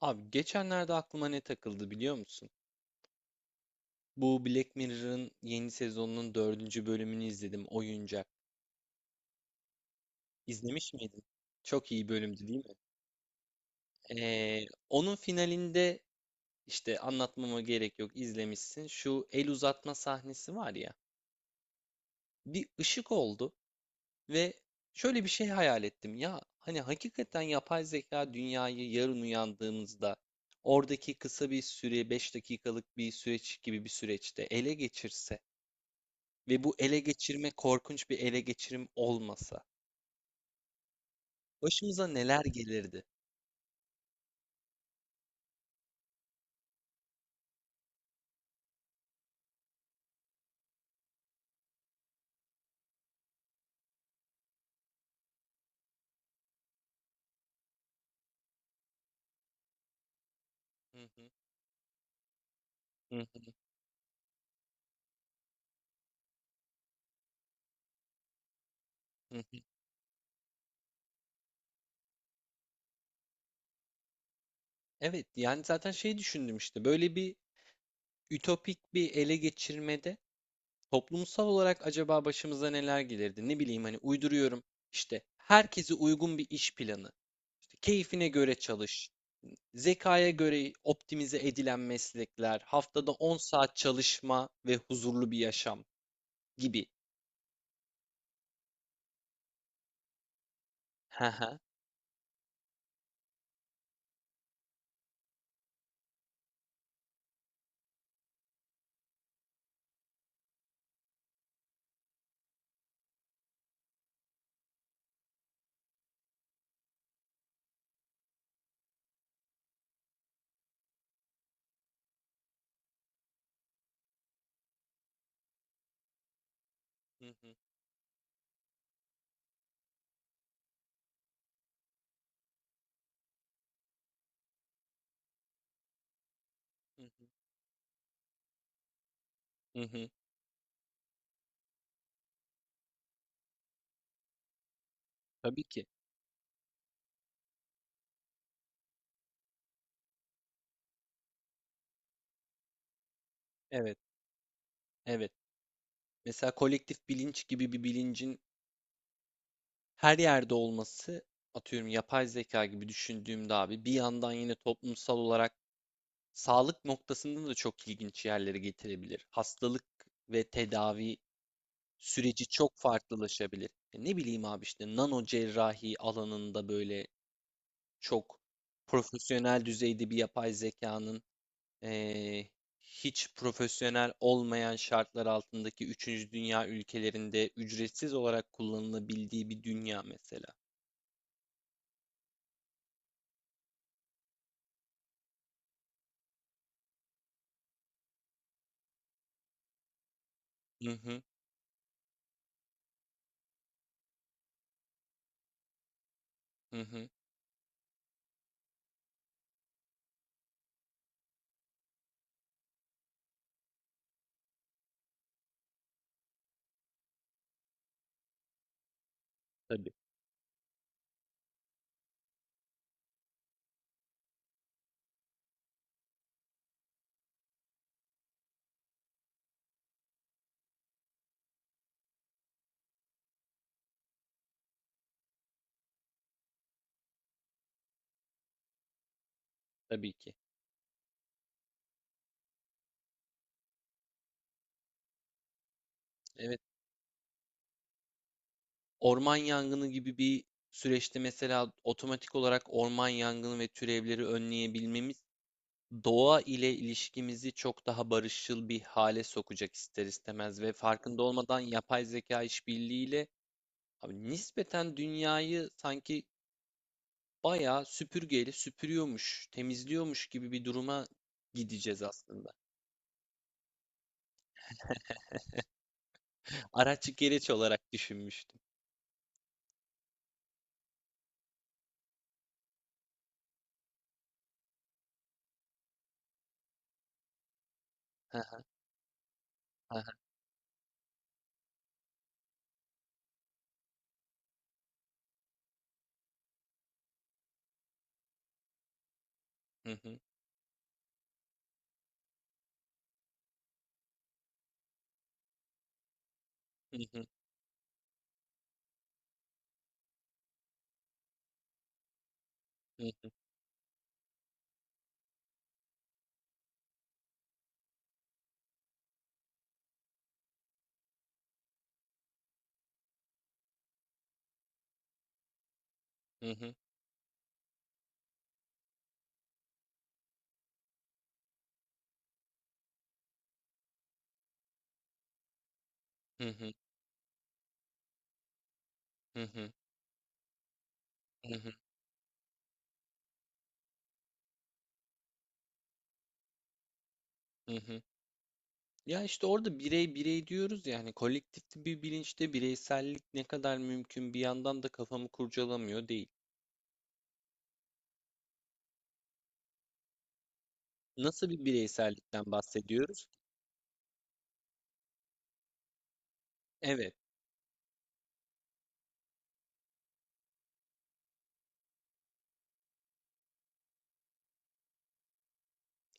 Abi geçenlerde aklıma ne takıldı biliyor musun? Bu Black Mirror'ın yeni sezonunun dördüncü bölümünü izledim. Oyuncak. İzlemiş miydin? Çok iyi bölümdü değil mi? Onun finalinde işte anlatmama gerek yok izlemişsin. Şu el uzatma sahnesi var ya. Bir ışık oldu ve şöyle bir şey hayal ettim. Ya hani hakikaten yapay zeka dünyayı yarın uyandığımızda oradaki kısa bir süre 5 dakikalık bir süreç gibi bir süreçte ele geçirse ve bu ele geçirme korkunç bir ele geçirim olmasa başımıza neler gelirdi? Hı hı, hı hı, hı hı. Evet, yani zaten şey düşündüm işte böyle bir ütopik bir ele geçirmede toplumsal olarak acaba başımıza neler gelirdi? Ne bileyim hani uyduruyorum işte herkese uygun bir iş planı, işte keyfine göre çalış, zekaya göre optimize edilen meslekler, haftada 10 saat çalışma ve huzurlu bir yaşam gibi. Hı hı. Hı hı, hı hı, hı hı. Tabii ki. Evet, evet. Mesela kolektif bilinç gibi bir bilincin her yerde olması, atıyorum yapay zeka gibi düşündüğümde abi bir yandan yine toplumsal olarak sağlık noktasında da çok ilginç yerlere getirebilir. Hastalık ve tedavi süreci çok farklılaşabilir. E ne bileyim abi işte nano cerrahi alanında böyle çok profesyonel düzeyde bir yapay zekanın eee, hiç profesyonel olmayan şartlar altındaki üçüncü dünya ülkelerinde ücretsiz olarak kullanılabildiği bir dünya mesela. Hı hı, hı hı. Tabii, tabii ki. Evet, orman yangını gibi bir süreçte mesela otomatik olarak orman yangını ve türevleri önleyebilmemiz doğa ile ilişkimizi çok daha barışçıl bir hale sokacak ister istemez ve farkında olmadan yapay zeka işbirliğiyle abi nispeten dünyayı sanki bayağı süpürgeyle süpürüyormuş, temizliyormuş gibi bir duruma gideceğiz aslında. Araç gereç olarak düşünmüştüm. Hı hı. Hı hı. Hı hı. Hı hı. Hı hı. Hı hı. Hı hı. Hı hı. Ya işte orada birey birey diyoruz yani kolektif bir bilinçte bireysellik ne kadar mümkün bir yandan da kafamı kurcalamıyor değil. Nasıl bir bireysellikten bahsediyoruz? Evet,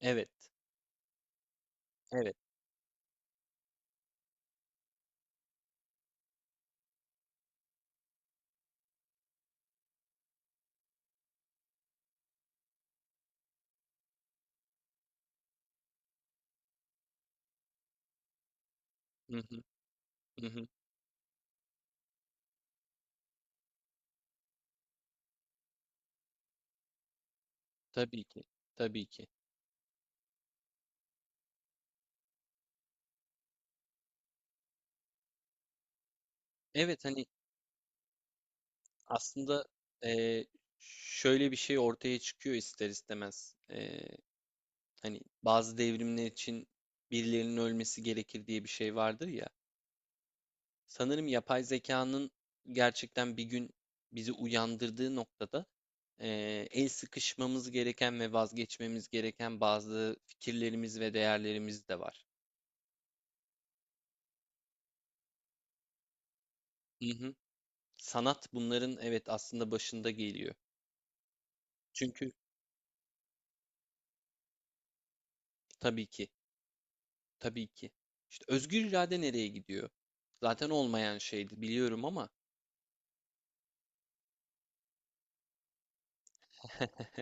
evet, evet. Hı hı. Hı hı. Tabii ki, tabii ki. Evet hani aslında eee, şöyle bir şey ortaya çıkıyor ister istemez. Hani bazı devrimler için birilerinin ölmesi gerekir diye bir şey vardır ya. Sanırım yapay zekanın gerçekten bir gün bizi uyandırdığı noktada el sıkışmamız gereken ve vazgeçmemiz gereken bazı fikirlerimiz ve değerlerimiz de var. Hı hı. Sanat bunların evet aslında başında geliyor. Çünkü tabii ki. Tabii ki. İşte özgür irade nereye gidiyor? Zaten olmayan şeydi biliyorum ama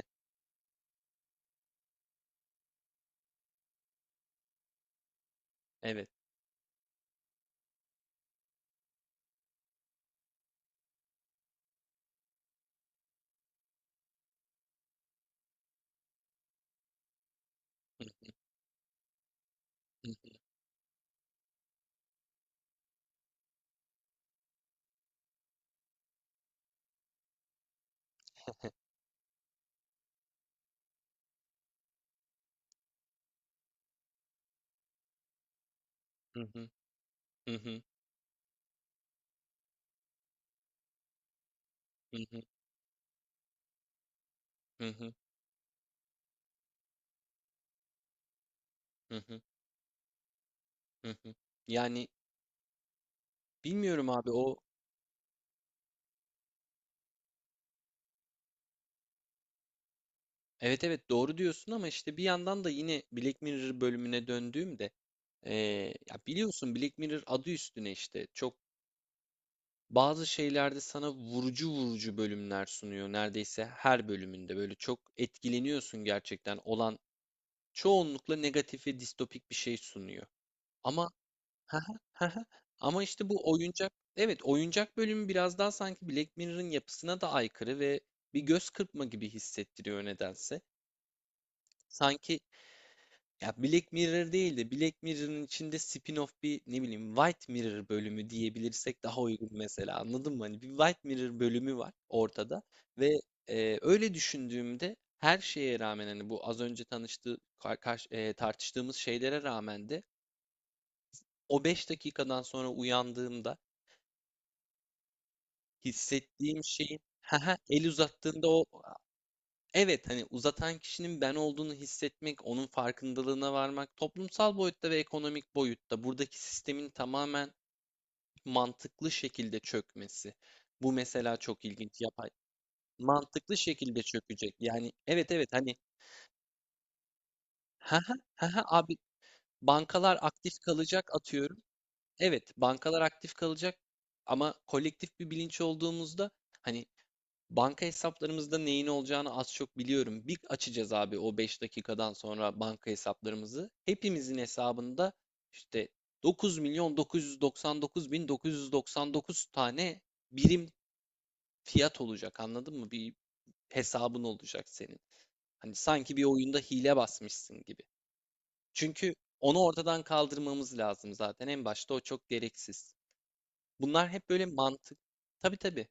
evet. Hı hı, hı hı, hı hı, hı hı, hı hı, hı hı. Yani bilmiyorum abi o evet evet doğru diyorsun ama işte bir yandan da yine Black Mirror bölümüne döndüğümde ya biliyorsun Black Mirror adı üstüne işte çok bazı şeylerde sana vurucu vurucu bölümler sunuyor neredeyse her bölümünde böyle çok etkileniyorsun gerçekten olan çoğunlukla negatif ve distopik bir şey sunuyor. Ama ama işte bu oyuncak evet oyuncak bölümü biraz daha sanki Black Mirror'ın yapısına da aykırı ve bir göz kırpma gibi hissettiriyor nedense. Sanki ya Black Mirror değil de Black Mirror'ın içinde spin-off bir ne bileyim White Mirror bölümü diyebilirsek daha uygun mesela anladın mı? Hani bir White Mirror bölümü var ortada ve öyle düşündüğümde her şeye rağmen hani bu az önce tanıştığı tartıştığımız şeylere rağmen de o 5 dakikadan sonra uyandığımda hissettiğim şeyin haha, el uzattığında o evet hani uzatan kişinin ben olduğunu hissetmek, onun farkındalığına varmak, toplumsal boyutta ve ekonomik boyutta buradaki sistemin tamamen mantıklı şekilde çökmesi. Bu mesela çok ilginç. Yapay mantıklı şekilde çökecek. Yani evet evet hani ha ha ha ha abi bankalar aktif kalacak atıyorum. Evet bankalar aktif kalacak ama kolektif bir bilinç olduğumuzda hani banka hesaplarımızda neyin olacağını az çok biliyorum. Bir açacağız abi o 5 dakikadan sonra banka hesaplarımızı. Hepimizin hesabında işte 9 milyon 999 bin 999 tane birim fiyat olacak anladın mı? Bir hesabın olacak senin. Hani sanki bir oyunda hile basmışsın gibi. Çünkü onu ortadan kaldırmamız lazım zaten. En başta o çok gereksiz. Bunlar hep böyle mantık. Tabii tabii.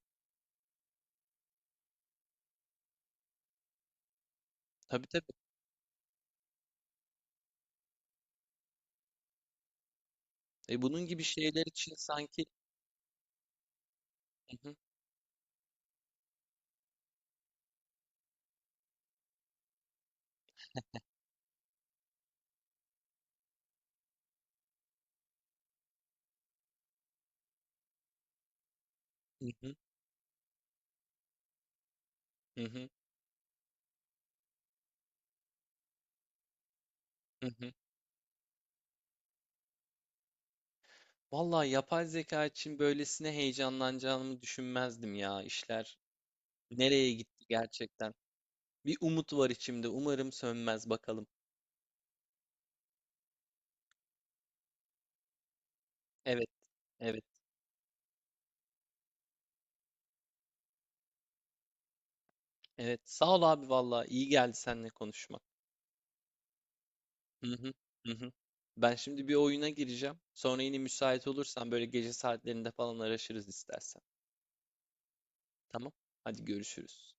Tabii tabii. E bunun gibi şeyler için sanki... Hı hı. Hı hı. Hı hı, hı hı. Vallahi yapay zeka için böylesine heyecanlanacağımı düşünmezdim ya. İşler nereye gitti gerçekten? Bir umut var içimde. Umarım sönmez bakalım. Evet, evet, evet. Sağ ol abi vallahi iyi geldi seninle konuşmak. Hı hı, hı hı. Ben şimdi bir oyuna gireceğim. Sonra yine müsait olursan böyle gece saatlerinde falan araşırız istersen. Tamam. Hadi görüşürüz.